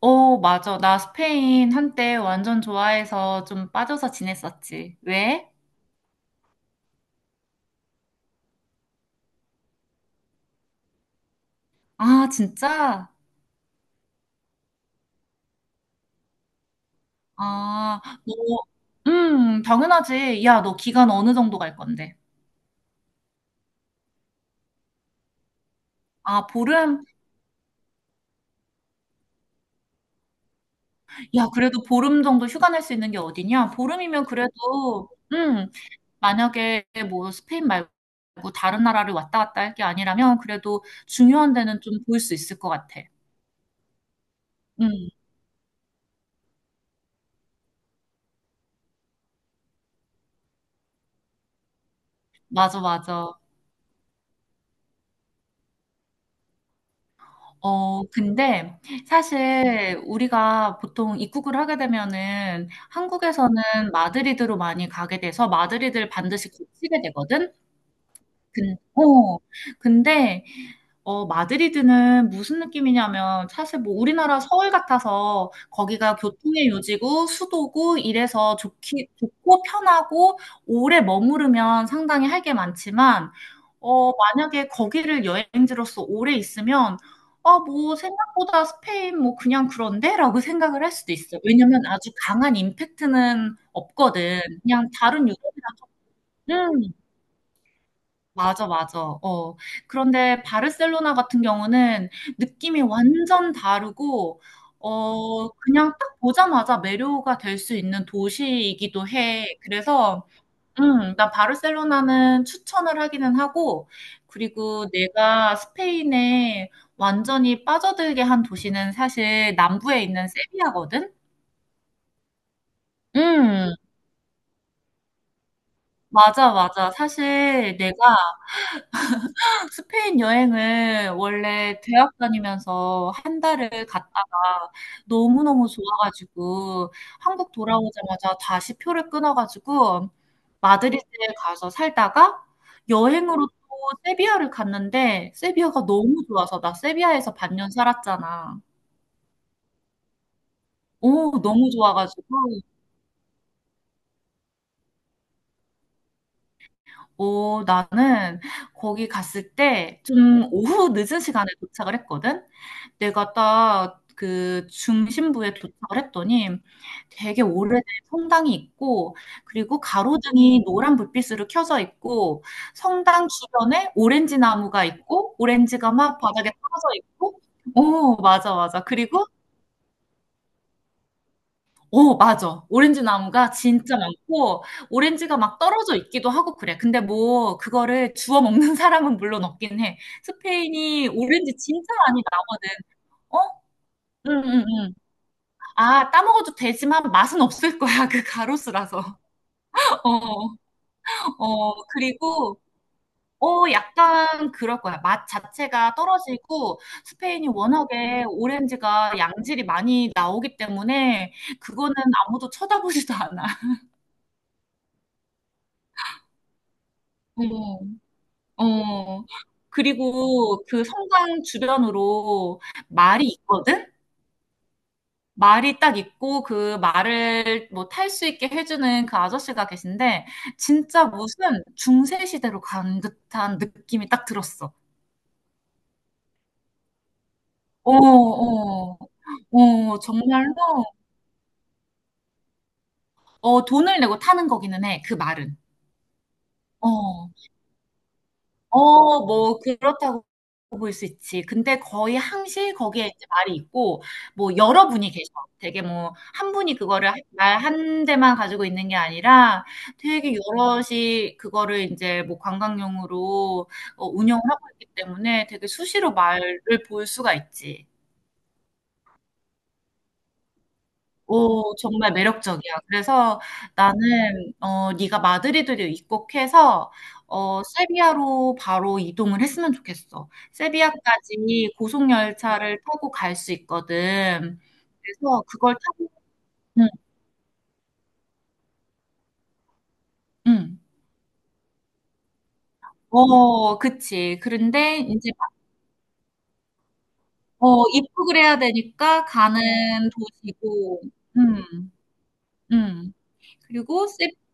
어, 맞아. 나 스페인 한때 완전 좋아해서 좀 빠져서 지냈었지. 왜? 아, 진짜? 아, 너, 당연하지. 야, 너 기간 어느 정도 갈 건데? 아, 보름? 야, 그래도 보름 정도 휴가 낼 수 있는 게 어디냐? 보름이면 그래도, 만약에 뭐 스페인 말고 다른 나라를 왔다 갔다 할 게 아니라면 그래도 중요한 데는 좀 볼 수 있을 것 같아. 음, 맞아, 맞아. 근데 사실 우리가 보통 입국을 하게 되면은 한국에서는 마드리드로 많이 가게 돼서 마드리드를 반드시 거치게 되거든? 근, 어, 근데, 어, 마드리드는 무슨 느낌이냐면 사실 뭐 우리나라 서울 같아서 거기가 교통의 요지고 수도고 이래서 좋기, 좋고 편하고 오래 머무르면 상당히 할 게 많지만 만약에 거기를 여행지로서 오래 있으면, 아, 뭐, 생각보다 스페인 뭐 그냥 그런데? 라고 생각을 할 수도 있어. 왜냐면 아주 강한 임팩트는 없거든. 그냥 다른 유럽이랑, 음, 맞아, 맞아. 어. 그런데 바르셀로나 같은 경우는 느낌이 완전 다르고, 그냥 딱 보자마자 매료가 될 수 있는 도시이기도 해. 그래서, 나 바르셀로나는 추천을 하기는 하고, 그리고 내가 스페인에 완전히 빠져들게 한 도시는 사실 남부에 있는 세비야거든? 음, 맞아, 맞아. 사실 내가 스페인 여행을 원래 대학 다니면서 한 달을 갔다가 너무너무 좋아가지고 한국 돌아오자마자 다시 표를 끊어가지고 마드리드에 가서 살다가 여행으로 또 세비야를 갔는데 세비야가 너무 좋아서 나 세비야에서 반년 살았잖아. 오, 너무 좋아가지고 어, 나는 거기 갔을 때 좀 오후 늦은 시간에 도착을 했거든? 내가 딱 그 중심부에 도착을 했더니 되게 오래된 성당이 있고, 그리고 가로등이 노란 불빛으로 켜져 있고, 성당 주변에 오렌지 나무가 있고, 오렌지가 막 바닥에 떨어져 있고, 오, 맞아, 맞아. 맞아. 오렌지 나무가 진짜 많고, 오렌지가 막 떨어져 있기도 하고 그래. 근데 뭐, 그거를 주워 먹는 사람은 물론 없긴 해. 스페인이 오렌지 진짜 많이 나거든. 어? 응, 응, 응. 아, 따먹어도 되지만 맛은 없을 거야. 그 가로수라서. 어, 그리고, 약간 그럴 거야. 맛 자체가 떨어지고, 스페인이 워낙에 오렌지가 양질이 많이 나오기 때문에, 그거는 아무도 쳐다보지도 않아. 어, 어. 그리고 그 성당 주변으로 말이 있거든? 말이 딱 있고 그 말을 뭐 탈 수 있게 해주는 그 아저씨가 계신데 진짜 무슨 중세 시대로 간 듯한 느낌이 딱 들었어. 어, 어, 어, 정말로 돈을 내고 타는 거기는 해. 그 말은. 어. 어, 뭐, 그렇다고 볼 수 있지. 근데 거의 항시 거기에 이제 말이 있고, 뭐, 여러 분이 계셔. 되게 뭐, 한 분이 그거를 말 한 대만 가지고 있는 게 아니라 되게 여럿이 그거를 이제 뭐 관광용으로 운영을 하고 있기 때문에 되게 수시로 말을 볼 수가 있지. 오, 정말 매력적이야. 그래서 나는 네가 마드리드를 입국해서 세비야로 바로 이동을 했으면 좋겠어. 세비야까지 고속 열차를 타고 갈 수 있거든. 그래서 그걸 타고 응, 응. 어, 그치. 그런데 이제 입국을 해야 되니까 가는 도시고 음. 음. 그리고 세비아까지.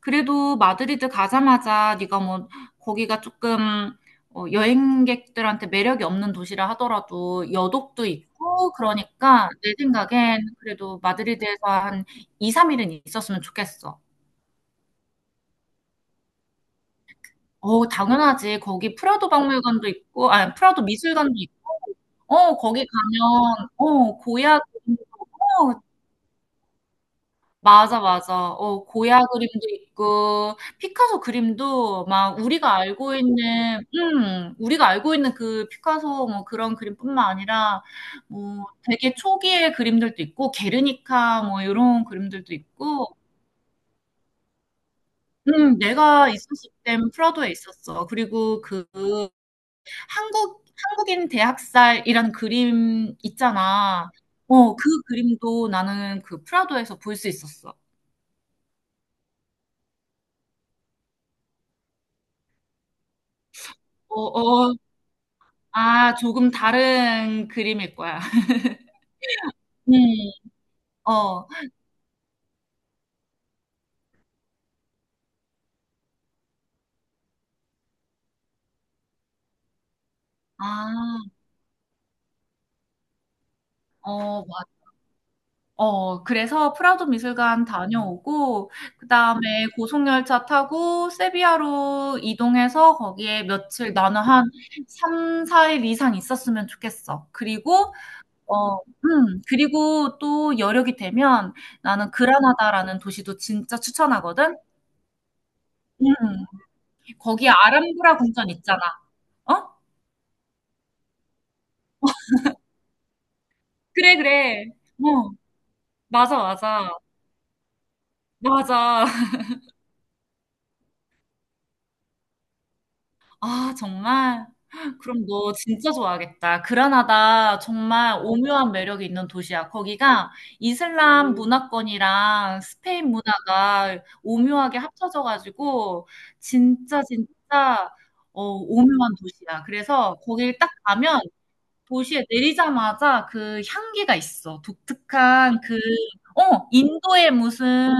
그래도 마드리드 가자마자 네가 뭐 거기가 조금 어, 여행객들한테 매력이 없는 도시라 하더라도 여독도 있고 그러니까 내 생각엔 그래도 마드리드에서 한 2, 3일은 있었으면 좋겠어. 어, 당연하지. 거기 프라도 박물관도 있고, 아, 프라도 미술관도 있고, 어, 거기 가면, 어, 고야, 어, 맞아, 맞아. 고야 그림도 있고 피카소 그림도 막 우리가 알고 있는 그 피카소 뭐 그런 그림뿐만 아니라 뭐 되게 초기의 그림들도 있고 게르니카 뭐 이런 그림들도 있고 내가 있었을 땐 프라도에 있었어. 그리고 그 한국인 대학살이라는 그림 있잖아. 그 그림도 나는 그 프라도에서 볼 수 있었어. 어어. 아 조금 다른 그림일 거야. 음. 어. 아. 어 맞 어 그래서 프라도 미술관 다녀오고 그다음에 고속열차 타고 세비야로 이동해서 거기에 며칠 나는 한 3-4일 이상 있었으면 좋겠어. 그리고 어 그리고 또 여력이 되면 나는 그라나다라는 도시도 진짜 추천하거든. 음. 거기 아람브라 궁전 있잖아. 어? 그래, 그래. 어. 맞아, 맞아. 맞아. 아, 정말? 그럼 너 진짜 좋아하겠다. 그라나다 정말 오묘한 매력이 있는 도시야. 거기가 이슬람 문화권이랑 스페인 문화가 오묘하게 합쳐져가지고 진짜 진짜 어, 오묘한 도시야. 그래서 거길 딱 가면 도시에 내리자마자 그 향기가 있어. 독특한 그, 어, 인도의 무슨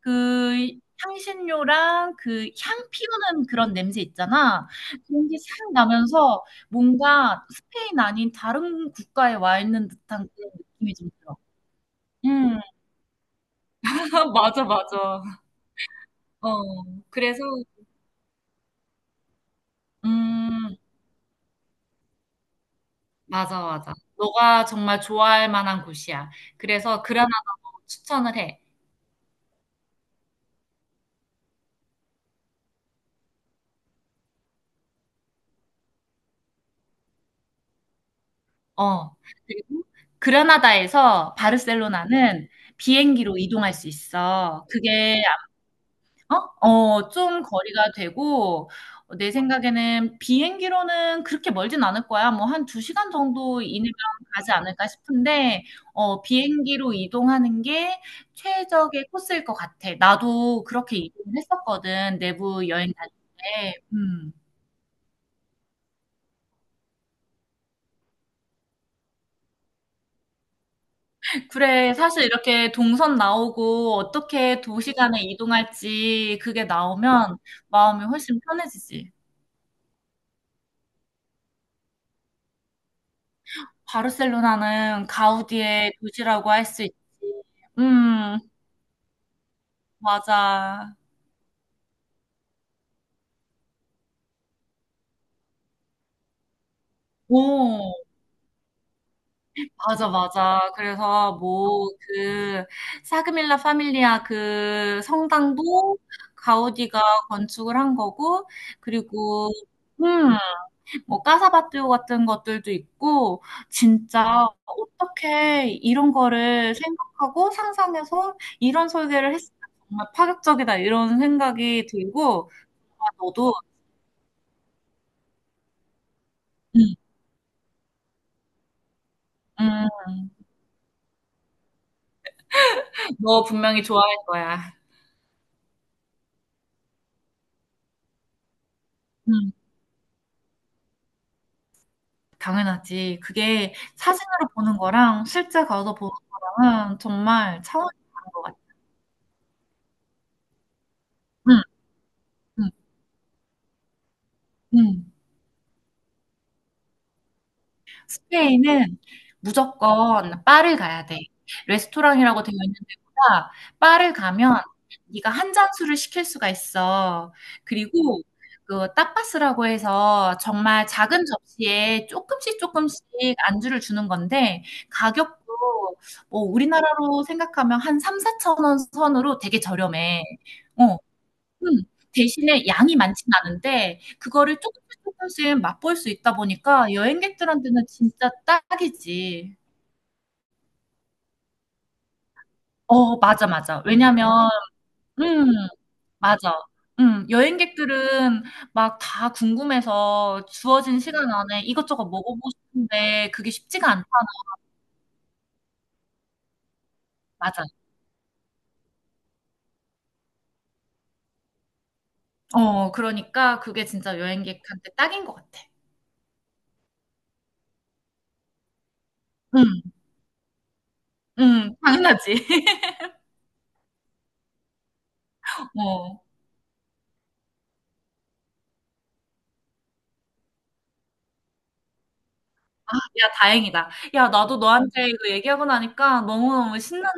그 향신료랑 그 향 피우는 그런 냄새 있잖아. 그런 게 싹 나면서 뭔가 스페인 아닌 다른 국가에 와 있는 듯한 그런 느낌이 좀 들어. 음. 맞아, 맞아. 어. 그래서 음. 맞아, 맞아. 너가 정말 좋아할 만한 곳이야. 그래서 그라나다도 추천을 해. 어. 그리고 그라나다에서 바르셀로나는 비행기로 이동할 수 있어. 그게 어? 어, 좀 거리가 되고, 어, 내 생각에는 비행기로는 그렇게 멀진 않을 거야. 뭐 한 두 시간 정도 이내면 가지 않을까 싶은데, 어, 비행기로 이동하는 게 최적의 코스일 것 같아. 나도 그렇게 이동을 했었거든. 내부 여행 다닐 때. 음. 그래, 사실 이렇게 동선 나오고 어떻게 도시 간에 이동할지 그게 나오면 마음이 훨씬 편해지지. 바르셀로나는 가우디의 도시라고 할 수 있지. 음, 맞아. 오, 맞아, 맞아. 그래서 뭐 그 사그밀라 파밀리아 그 성당도 가우디가 건축을 한 거고, 그리고 음, 뭐 까사바띠오 같은 것들도 있고, 진짜 어떻게 이런 거를 생각하고 상상해서 이런 설계를 했을까 정말 파격적이다 이런 생각이 들고. 아 너도? 응, 응. 너 분명히 좋아할 거야. 응, 당연하지. 그게 사진으로 보는 거랑 실제 가서 보는 거랑은 정말 차원이 다른 것 같아. 응, 응, 응. 스페인은 무조건 바를 가야 돼. 레스토랑이라고 되어 있는 데보다 바를 가면 네가 한 잔술을 시킬 수가 있어. 그리고 그 타파스라고 해서 정말 작은 접시에 쪼끔씩 쪼끔씩 안주를 주는 건데 가격도 뭐 우리나라로 생각하면 한 3 4천원 선으로 되게 저렴해. 어. 음. 대신에 양이 많진 않은데 그거를 조금씩 조금씩 맛볼 수 있다 보니까 여행객들한테는 진짜 딱이지. 맞아, 맞아. 왜냐면 음 맞아. 여행객들은 막 다 궁금해서 주어진 시간 안에 이것저것 먹어보고 싶은데 그게 쉽지가 않다 맞아. 그러니까 그게 진짜 여행객한테 딱인 것 같아. 음. 음. 당연하지. 어. 아 야 다행이다. 야 나도 너한테 이거 얘기하고 나니까 너무너무 신난다.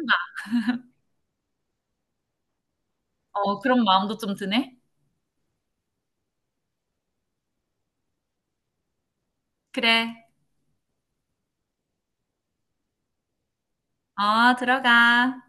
어, 그런 마음도 좀 드네. 그래. 어, 들어가.